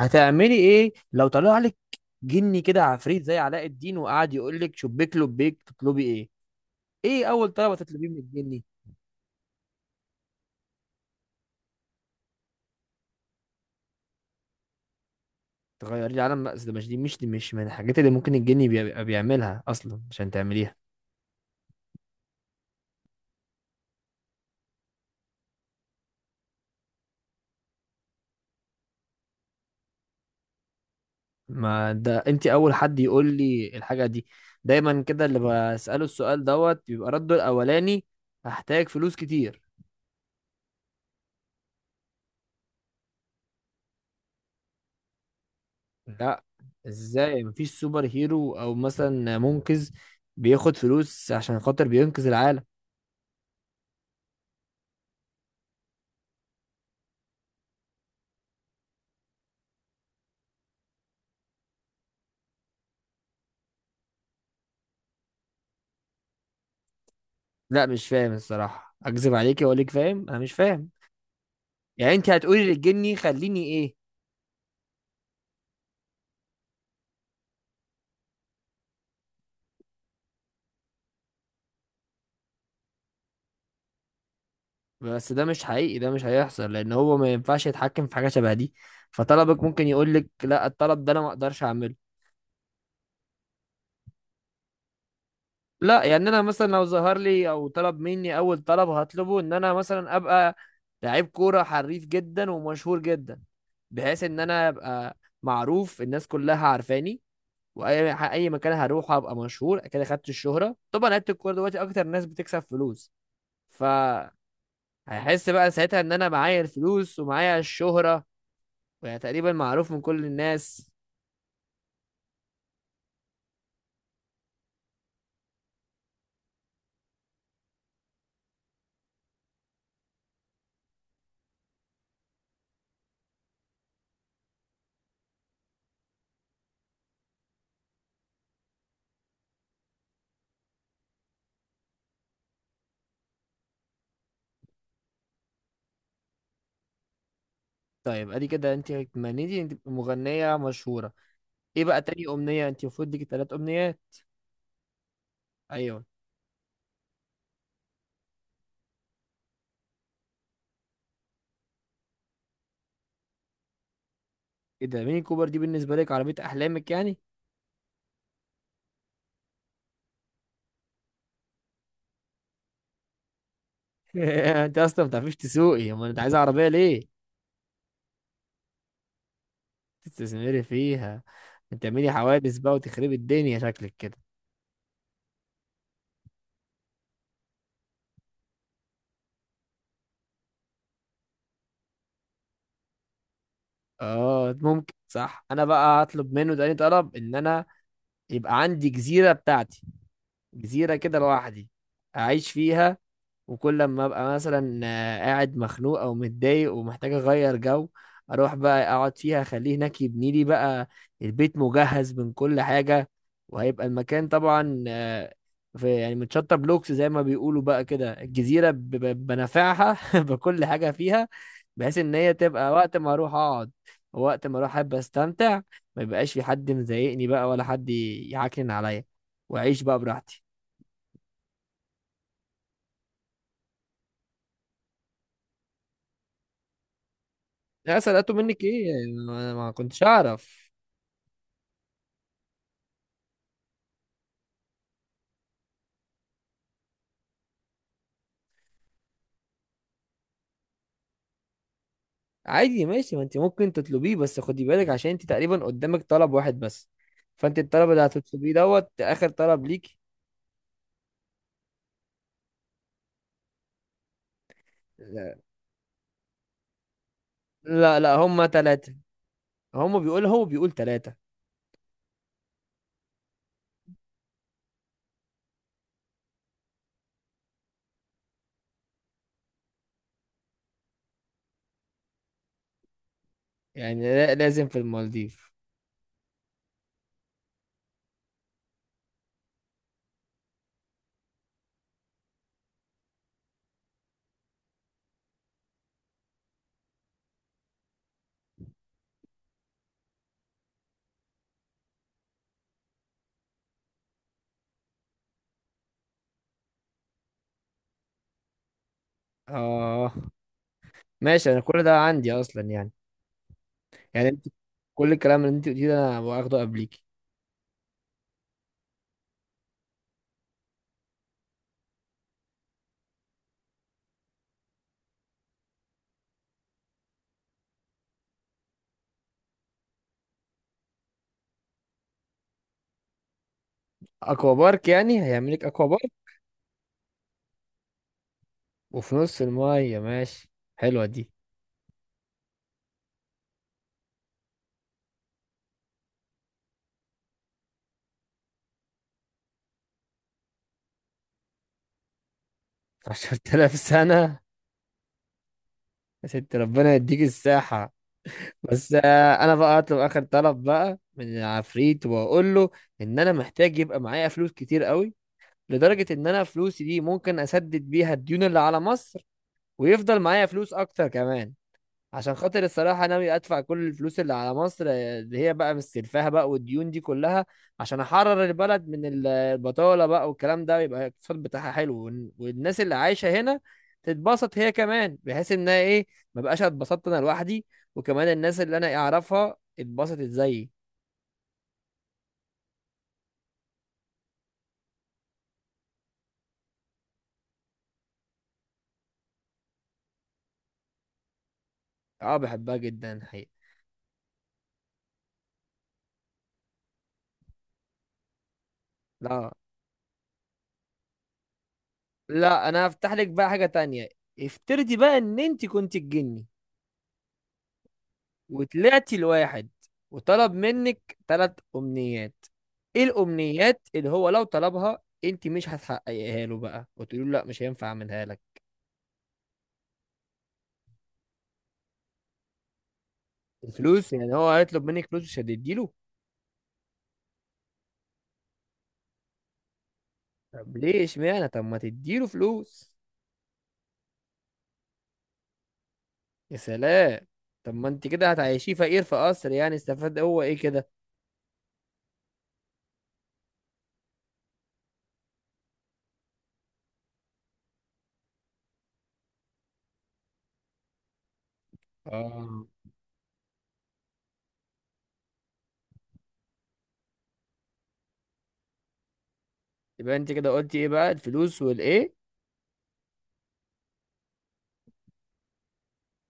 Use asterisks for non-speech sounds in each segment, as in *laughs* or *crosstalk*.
هتعملي ايه لو طلع لك جني كده عفريت زي علاء الدين وقعد يقول لك شبيك لبيك تطلبي ايه؟ ايه اول طلب تطلبيه من الجني؟ تغيري العالم؟ لا أصل ده مش دي مش دي مش من الحاجات اللي ممكن الجني بيبقى بيعملها اصلا عشان تعمليها. ما ده انت اول حد يقول لي الحاجه دي. دايما كده اللي بساله السؤال دوت بيبقى رده الاولاني: هحتاج فلوس كتير. لا، ازاي مفيش سوبر هيرو او مثلا منقذ بياخد فلوس عشان خاطر بينقذ العالم؟ لا مش فاهم الصراحة، اكذب عليكي واقول لك فاهم؟ انا مش فاهم. يعني انت هتقولي للجني خليني ايه؟ بس ده مش حقيقي، ده مش هيحصل لان هو ما ينفعش يتحكم في حاجة شبه دي. فطلبك ممكن يقول لك لا، الطلب ده انا ما اقدرش اعمله. لا، يعني انا مثلا لو ظهر لي او طلب مني اول طلب هطلبه ان انا مثلا ابقى لعيب كورة حريف جدا ومشهور جدا، بحيث ان انا ابقى معروف، الناس كلها عارفاني، واي مكان هروح ابقى مشهور كده. خدت الشهرة طبعا، لعيبة الكورة دلوقتي اكتر ناس بتكسب فلوس. فهحس بقى ساعتها ان انا معايا الفلوس ومعايا الشهرة، يعني تقريبا معروف من كل الناس. طيب ادي كده انت اتمنيتي انت تبقي مغنية مشهورة. ايه بقى تاني امنية؟ انت المفروض ليكي تلات امنيات. ايوه. ايه ده؟ ميني كوبر دي بالنسبة لك عربية احلامك يعني؟ *laughs* انت اصلا ما بتعرفيش تسوقي، امال انت عايزة عربية ليه؟ تستثمري فيها؟ انت تعملي حوادث بقى وتخربي الدنيا شكلك كده. اه، ممكن صح. انا بقى هطلب منه تاني طلب ان انا يبقى عندي جزيرة بتاعتي، جزيرة كده لوحدي أعيش فيها. وكل لما أبقى مثلا قاعد مخنوق أو متضايق ومحتاج أغير جو أروح بقى أقعد فيها. أخليه هناك يبني لي بقى البيت مجهز من كل حاجة. وهيبقى المكان طبعا في يعني متشطب بلوكس زي ما بيقولوا بقى كده. الجزيرة بنافعها *laughs* بكل حاجة فيها، بحيث إن هي تبقى وقت ما أروح أقعد ووقت ما أروح أحب أستمتع. ما يبقاش في حد مضايقني بقى ولا حد يعكنن عليا، وأعيش بقى براحتي. لا سرقته منك ايه، انا ما كنتش اعرف. عادي ماشي، ما انت ممكن تطلبيه. بس خدي بالك عشان انت تقريبا قدامك طلب واحد بس. فانت الطلب اللي هتطلبيه دوت اخر طلب ليك. لا. لا, لا هما ثلاثة. هما بيقول، هو بيقول ثلاثة. يعني لازم في المالديف. اه ماشي، انا كل ده عندي اصلا يعني. يعني انت كل الكلام اللي انت قلتيه ده انا واخده قبليك. اكوا بارك يعني؟ هيعملك اكوا بارك وفي نص المية؟ ماشي، حلوة دي. 10,000 سنة؟ يا ست ربنا يديك الساحة. بس انا بقى اطلب اخر طلب بقى من العفريت واقول له ان انا محتاج يبقى معايا فلوس كتير قوي، لدرجة ان انا فلوسي دي ممكن اسدد بيها الديون اللي على مصر، ويفضل معايا فلوس اكتر كمان. عشان خاطر الصراحة ناوي أدفع كل الفلوس اللي على مصر، اللي هي بقى مستلفاها بقى والديون دي كلها، عشان أحرر البلد من البطالة بقى والكلام ده، ويبقى الاقتصاد بتاعها حلو والناس اللي عايشة هنا تتبسط هي كمان، بحيث إنها إيه، ما بقاش اتبسطت أنا لوحدي، وكمان الناس اللي أنا أعرفها اتبسطت زيي. أه بحبها جدا حقيقة. لا. لا أنا هفتح لك بقى حاجة تانية. افترضي بقى إن أنت كنت الجني وطلعتي لواحد وطلب منك تلات امنيات. ايه الامنيات اللي هو لو طلبها انت مش هتحققيها له بقى وتقولي له لا مش هينفع اعملها لك؟ الفلوس؟ يعني هو هيطلب منك فلوس مش هتديله؟ طب ليه؟ اشمعنى؟ طب ما تديله فلوس. يا سلام. طب ما انت كده هتعيشيه فقير في قصر، يعني استفاد هو ايه كده؟ اه. يبقى انت كده قلتي ايه بقى؟ الفلوس والايه؟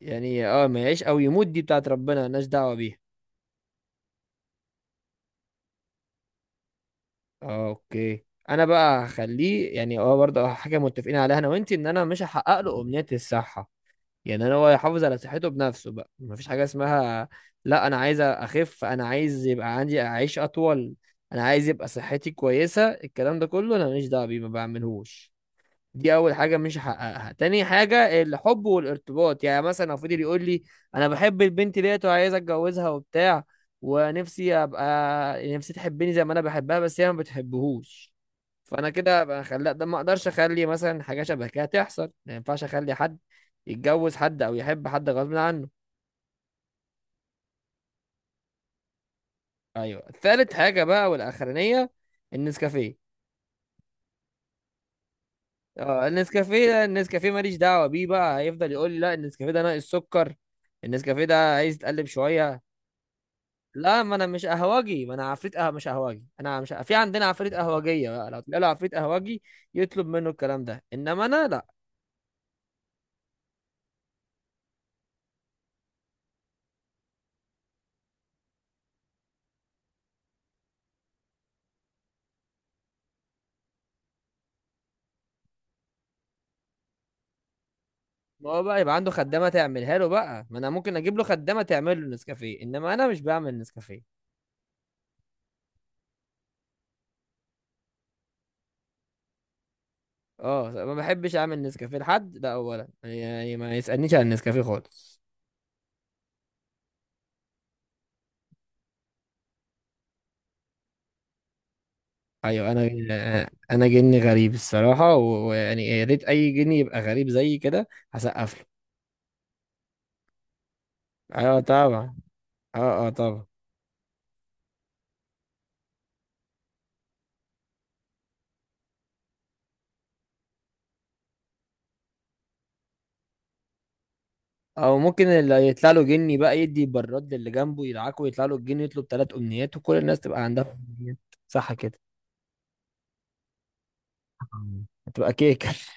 يعني اه، ما يعيش او يموت دي بتاعت ربنا، مالناش دعوة بيها. اه اوكي. انا بقى هخليه يعني اه برضه حاجه متفقين عليها انا وانتي، ان انا مش هحقق له امنيه الصحه. يعني انا هو يحافظ على صحته بنفسه بقى. مفيش حاجه اسمها لا انا عايز اخف، انا عايز يبقى عندي اعيش اطول، انا عايز يبقى صحتي كويسه. الكلام ده كله انا ماليش دعوه بيه، ما بعملهوش. دي اول حاجه مش هحققها. تاني حاجه: الحب والارتباط. يعني مثلا لو فضل يقول لي انا بحب البنت ديت وعايز اتجوزها وبتاع، ونفسي ابقى، نفسي تحبني زي ما انا بحبها بس هي ما بتحبهوش. فانا كده ابقى خلا ده، ما اقدرش اخلي مثلا حاجه شبه كده تحصل. ما ينفعش اخلي حد يتجوز حد او يحب حد غصب عنه. ايوه ثالث حاجه بقى والاخرانيه: النسكافيه. اه النسكافيه ده، النسكافيه ماليش دعوه بيه بقى. هيفضل يقول لي لا النسكافيه ده ناقص سكر، النسكافيه ده عايز تقلب شويه. لا، ما انا مش قهوجي، ما انا عفريت قهوه مش قهوجي. انا مش في عندنا عفريت قهوجيه بقى؟ لو تلاقي له عفريت قهوجي يطلب منه الكلام ده، انما انا لا. ما هو بقى يبقى عنده خدامه تعملها له بقى، ما انا ممكن اجيب له خدامه تعمل له نسكافيه، انما انا مش بعمل نسكافيه. اه ما بحبش اعمل نسكافيه لحد ده اولا. يعني ما يسالنيش عن النسكافيه خالص. ايوه. انا جني غريب الصراحه ويعني يا ريت اي جني يبقى غريب زي كده. هسقف له. ايوه طبعا. اه اه طبعا. او ممكن اللي يطلع له جني بقى يدي براد للي جنبه يدعكه ويطلع له الجني، يطلب ثلاث امنيات وكل الناس تبقى عندها امنيات. صح كده؟ *laughs* هتبقى كيكه. *laughs*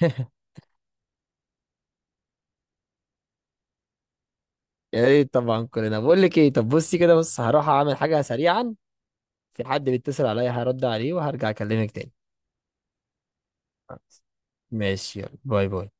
يا ريت طبعا كلنا. بقول لك ايه طب، بصي كده، بص هروح اعمل حاجه سريعا. في حد بيتصل عليا هرد عليه وهرجع اكلمك تاني. ماشي يلا، باي باي.